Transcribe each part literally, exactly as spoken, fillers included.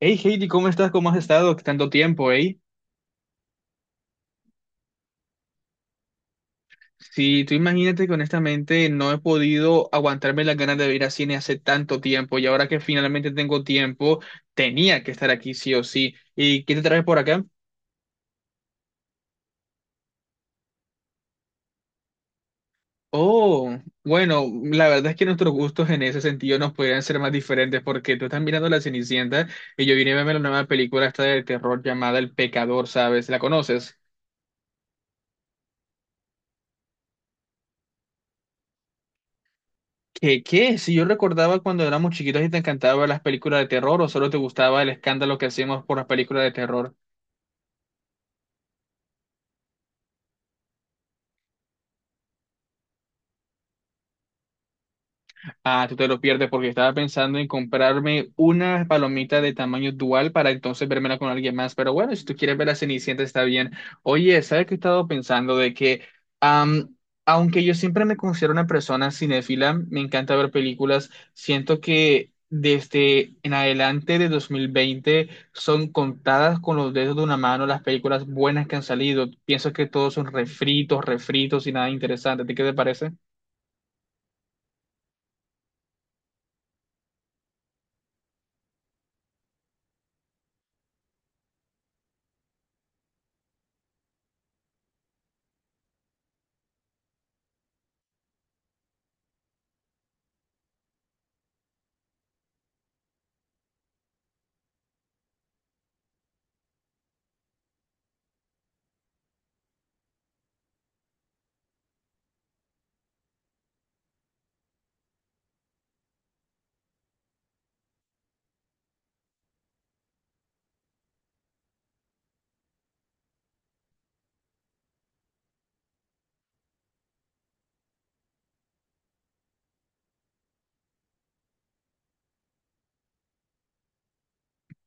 Hey Heidi, ¿cómo estás? ¿Cómo has estado? Tanto tiempo, ¿eh? Sí, tú imagínate que honestamente no he podido aguantarme las ganas de ir a cine hace tanto tiempo y ahora que finalmente tengo tiempo, tenía que estar aquí sí o sí. ¿Y qué te traes por acá? Oh, bueno, la verdad es que nuestros gustos en ese sentido nos podrían ser más diferentes porque tú estás mirando La Cenicienta y yo vine a verme la nueva película esta de terror llamada El Pecador, ¿sabes? ¿La conoces? ¿Qué, qué? Si yo recordaba cuando éramos chiquitos y te encantaban las películas de terror o solo te gustaba el escándalo que hacíamos por las películas de terror. Ah, tú te lo pierdes porque estaba pensando en comprarme una palomita de tamaño dual para entonces vérmela con alguien más. Pero bueno, si tú quieres ver a Cenicienta está bien. Oye, ¿sabes qué he estado pensando? De que, am, Aunque yo siempre me considero una persona cinéfila, me encanta ver películas, siento que desde en adelante de dos mil veinte son contadas con los dedos de una mano las películas buenas que han salido. Pienso que todos son refritos, refritos y nada interesante. ¿A ti qué te parece?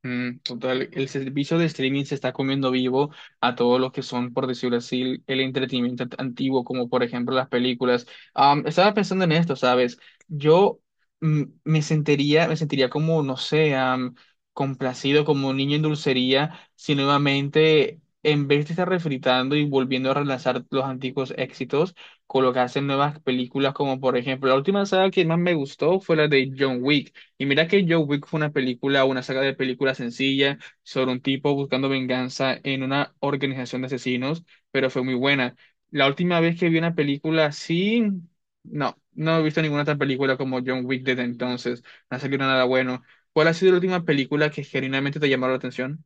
Mm, total, el servicio de streaming se está comiendo vivo a todos los que son, por decirlo así, el entretenimiento ant- antiguo, como por ejemplo las películas. Am, estaba pensando en esto, ¿sabes? Yo mm, me sentiría, me sentiría como, no sé, am, complacido, como un niño en dulcería, si nuevamente, en vez de estar refritando y volviendo a relanzar los antiguos éxitos, colocarse en nuevas películas, como por ejemplo, la última saga que más me gustó fue la de John Wick. Y mira que Joe Wick fue una película, una saga de películas sencilla sobre un tipo buscando venganza en una organización de asesinos, pero fue muy buena. La última vez que vi una película así, no, no he visto ninguna otra película como John Wick desde entonces. No ha salido nada bueno. ¿Cuál ha sido la última película que genuinamente te llamó la atención?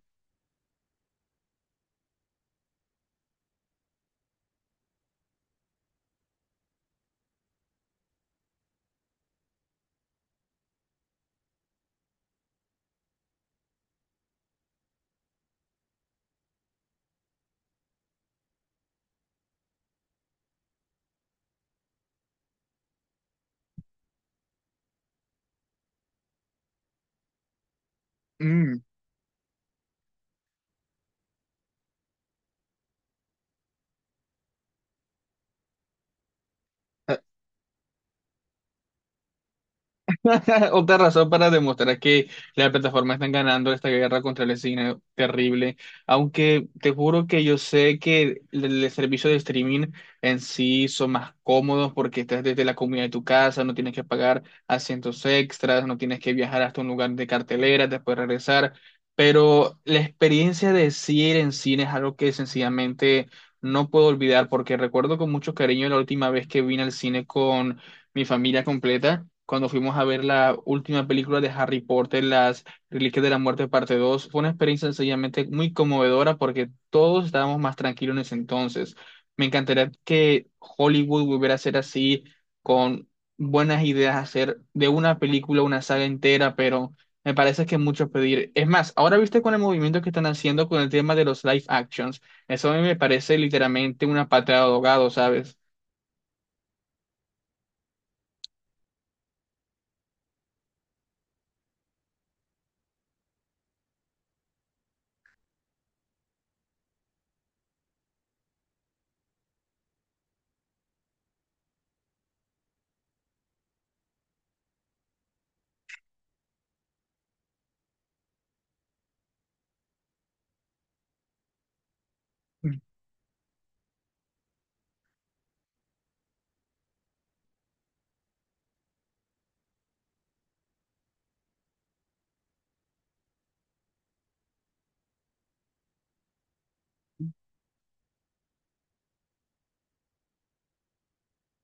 Mm. Otra razón para demostrar que las plataformas están ganando esta guerra contra el cine terrible. Aunque te juro que yo sé que el, el servicio de streaming en sí son más cómodos porque estás desde la comunidad de tu casa, no tienes que pagar asientos extras, no tienes que viajar hasta un lugar de cartelera, después regresar. Pero la experiencia de sí ir en cine es algo que sencillamente no puedo olvidar porque recuerdo con mucho cariño la última vez que vine al cine con mi familia completa, cuando fuimos a ver la última película de Harry Potter, Las Reliquias de la Muerte, parte dos fue una experiencia sencillamente muy conmovedora porque todos estábamos más tranquilos en ese entonces. Me encantaría que Hollywood volviera a ser así, con buenas ideas, hacer de una película una saga entera, pero me parece que es mucho pedir. Es más, ahora viste con el movimiento que están haciendo con el tema de los live actions, eso a mí me parece literalmente una patada de ahogado, ¿sabes?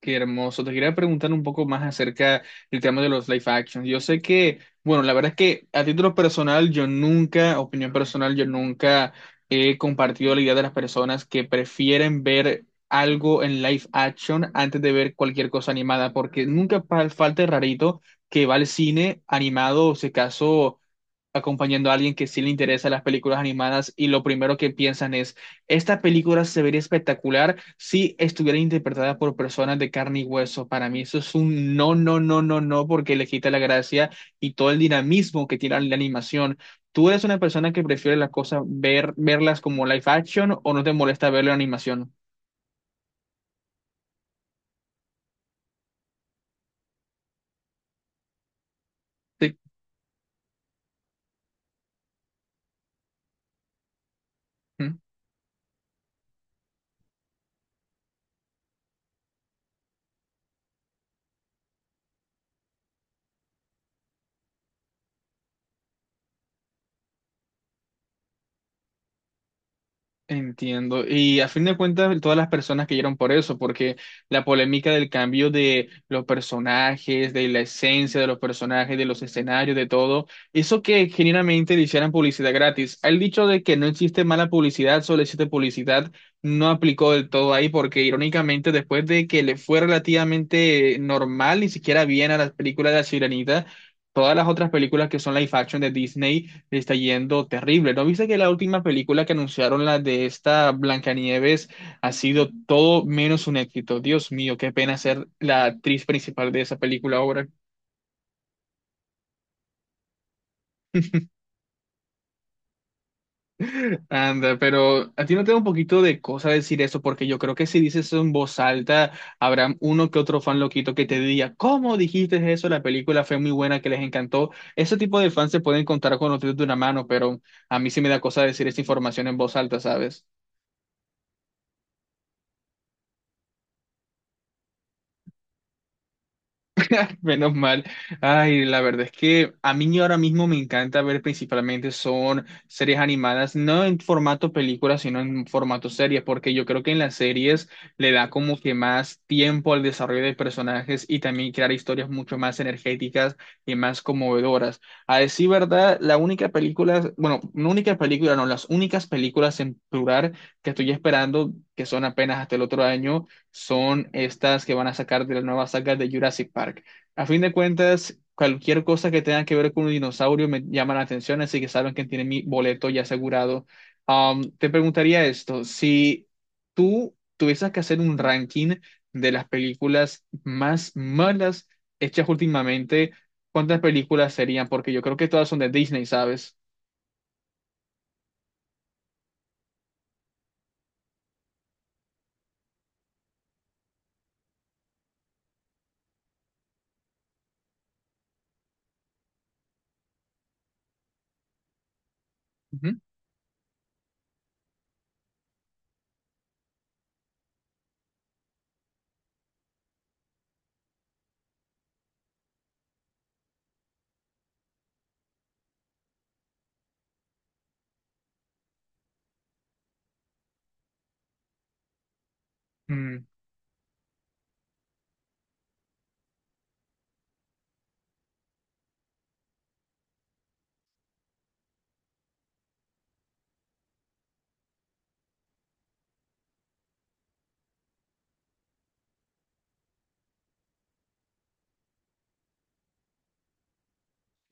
Qué hermoso. Te quería preguntar un poco más acerca del tema de los live actions. Yo sé que, bueno, la verdad es que a título personal, yo nunca, opinión personal, yo nunca he compartido la idea de las personas que prefieren ver algo en live action antes de ver cualquier cosa animada, porque nunca pa- falta el rarito que va al cine animado, o si acaso acompañando a alguien que sí le interesa las películas animadas y lo primero que piensan es, esta película se vería espectacular si estuviera interpretada por personas de carne y hueso. Para mí eso es un no, no, no, no, no, porque le quita la gracia y todo el dinamismo que tiene la animación. ¿Tú eres una persona que prefiere las cosas, ver, verlas como live action o no te molesta verlo en animación? Sí. ¿Mm? Entiendo. Y a fin de cuentas, todas las personas que cayeron por eso, porque la polémica del cambio de los personajes, de la esencia de los personajes, de los escenarios, de todo, eso que genuinamente le hicieran publicidad gratis. El dicho de que no existe mala publicidad, solo existe publicidad, no aplicó del todo ahí, porque irónicamente, después de que le fue relativamente normal, ni siquiera bien a las películas de La Sirenita, todas las otras películas que son live action de Disney le está yendo terrible. ¿No viste que la última película que anunciaron, la de esta Blancanieves, ha sido todo menos un éxito? Dios mío, qué pena ser la actriz principal de esa película ahora. Anda, pero a ti no te da un poquito de cosa decir eso, porque yo creo que si dices eso en voz alta, habrá uno que otro fan loquito que te diga, ¿cómo dijiste eso? La película fue muy buena, que les encantó. Ese tipo de fans se pueden contar con los dedos de una mano, pero a mí sí me da cosa decir esa información en voz alta, ¿sabes? Menos mal. Ay, la verdad es que a mí ahora mismo me encanta ver principalmente son series animadas, no en formato película, sino en formato serie, porque yo creo que en las series le da como que más tiempo al desarrollo de personajes y también crear historias mucho más energéticas y más conmovedoras. A decir verdad, la única película, bueno, no única película, no, las únicas películas en plural que estoy esperando, que son apenas hasta el otro año son estas que van a sacar de la nueva saga de Jurassic Park. A fin de cuentas, cualquier cosa que tenga que ver con un dinosaurio me llama la atención, así que saben que tienen mi boleto ya asegurado. Am, te preguntaría esto, si tú tuvieses que hacer un ranking de las películas más malas hechas últimamente, ¿cuántas películas serían? Porque yo creo que todas son de Disney, ¿sabes? Ujú. Mm.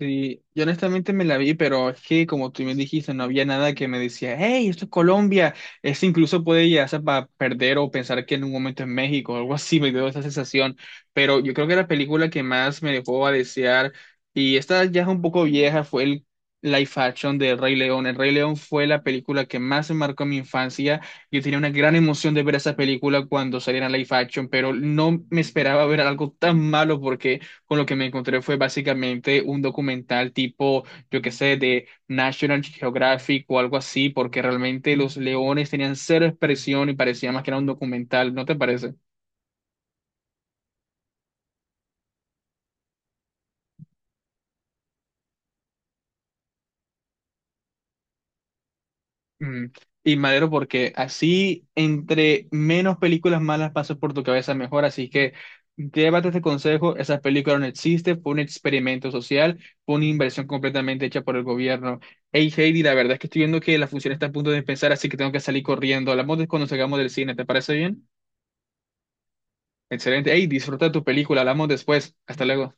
Sí, yo honestamente me la vi, pero es que como tú me dijiste, no había nada que me decía, hey, esto es Colombia. Eso incluso puede llegarse para perder o pensar que en un momento es México o algo así, me dio esa sensación. Pero yo creo que la película que más me dejó a desear, y esta ya es un poco vieja, fue el live action de Rey León. El Rey León fue la película que más me marcó en mi infancia. Yo tenía una gran emoción de ver esa película cuando saliera en live action, pero no me esperaba ver algo tan malo porque con lo que me encontré fue básicamente un documental tipo, yo qué sé, de National Geographic o algo así, porque realmente los leones tenían cero expresión y parecía más que era un documental, ¿no te parece? Mm. Y Madero, porque así entre menos películas malas pasan por tu cabeza, mejor. Así que llévate este consejo, esa película no existe, fue un experimento social, fue una inversión completamente hecha por el gobierno. Hey Heidi, la verdad es que estoy viendo que la función está a punto de empezar, así que tengo que salir corriendo. Hablamos de cuando salgamos del cine, ¿te parece bien? Excelente. Hey, disfruta tu película, hablamos después. Hasta luego.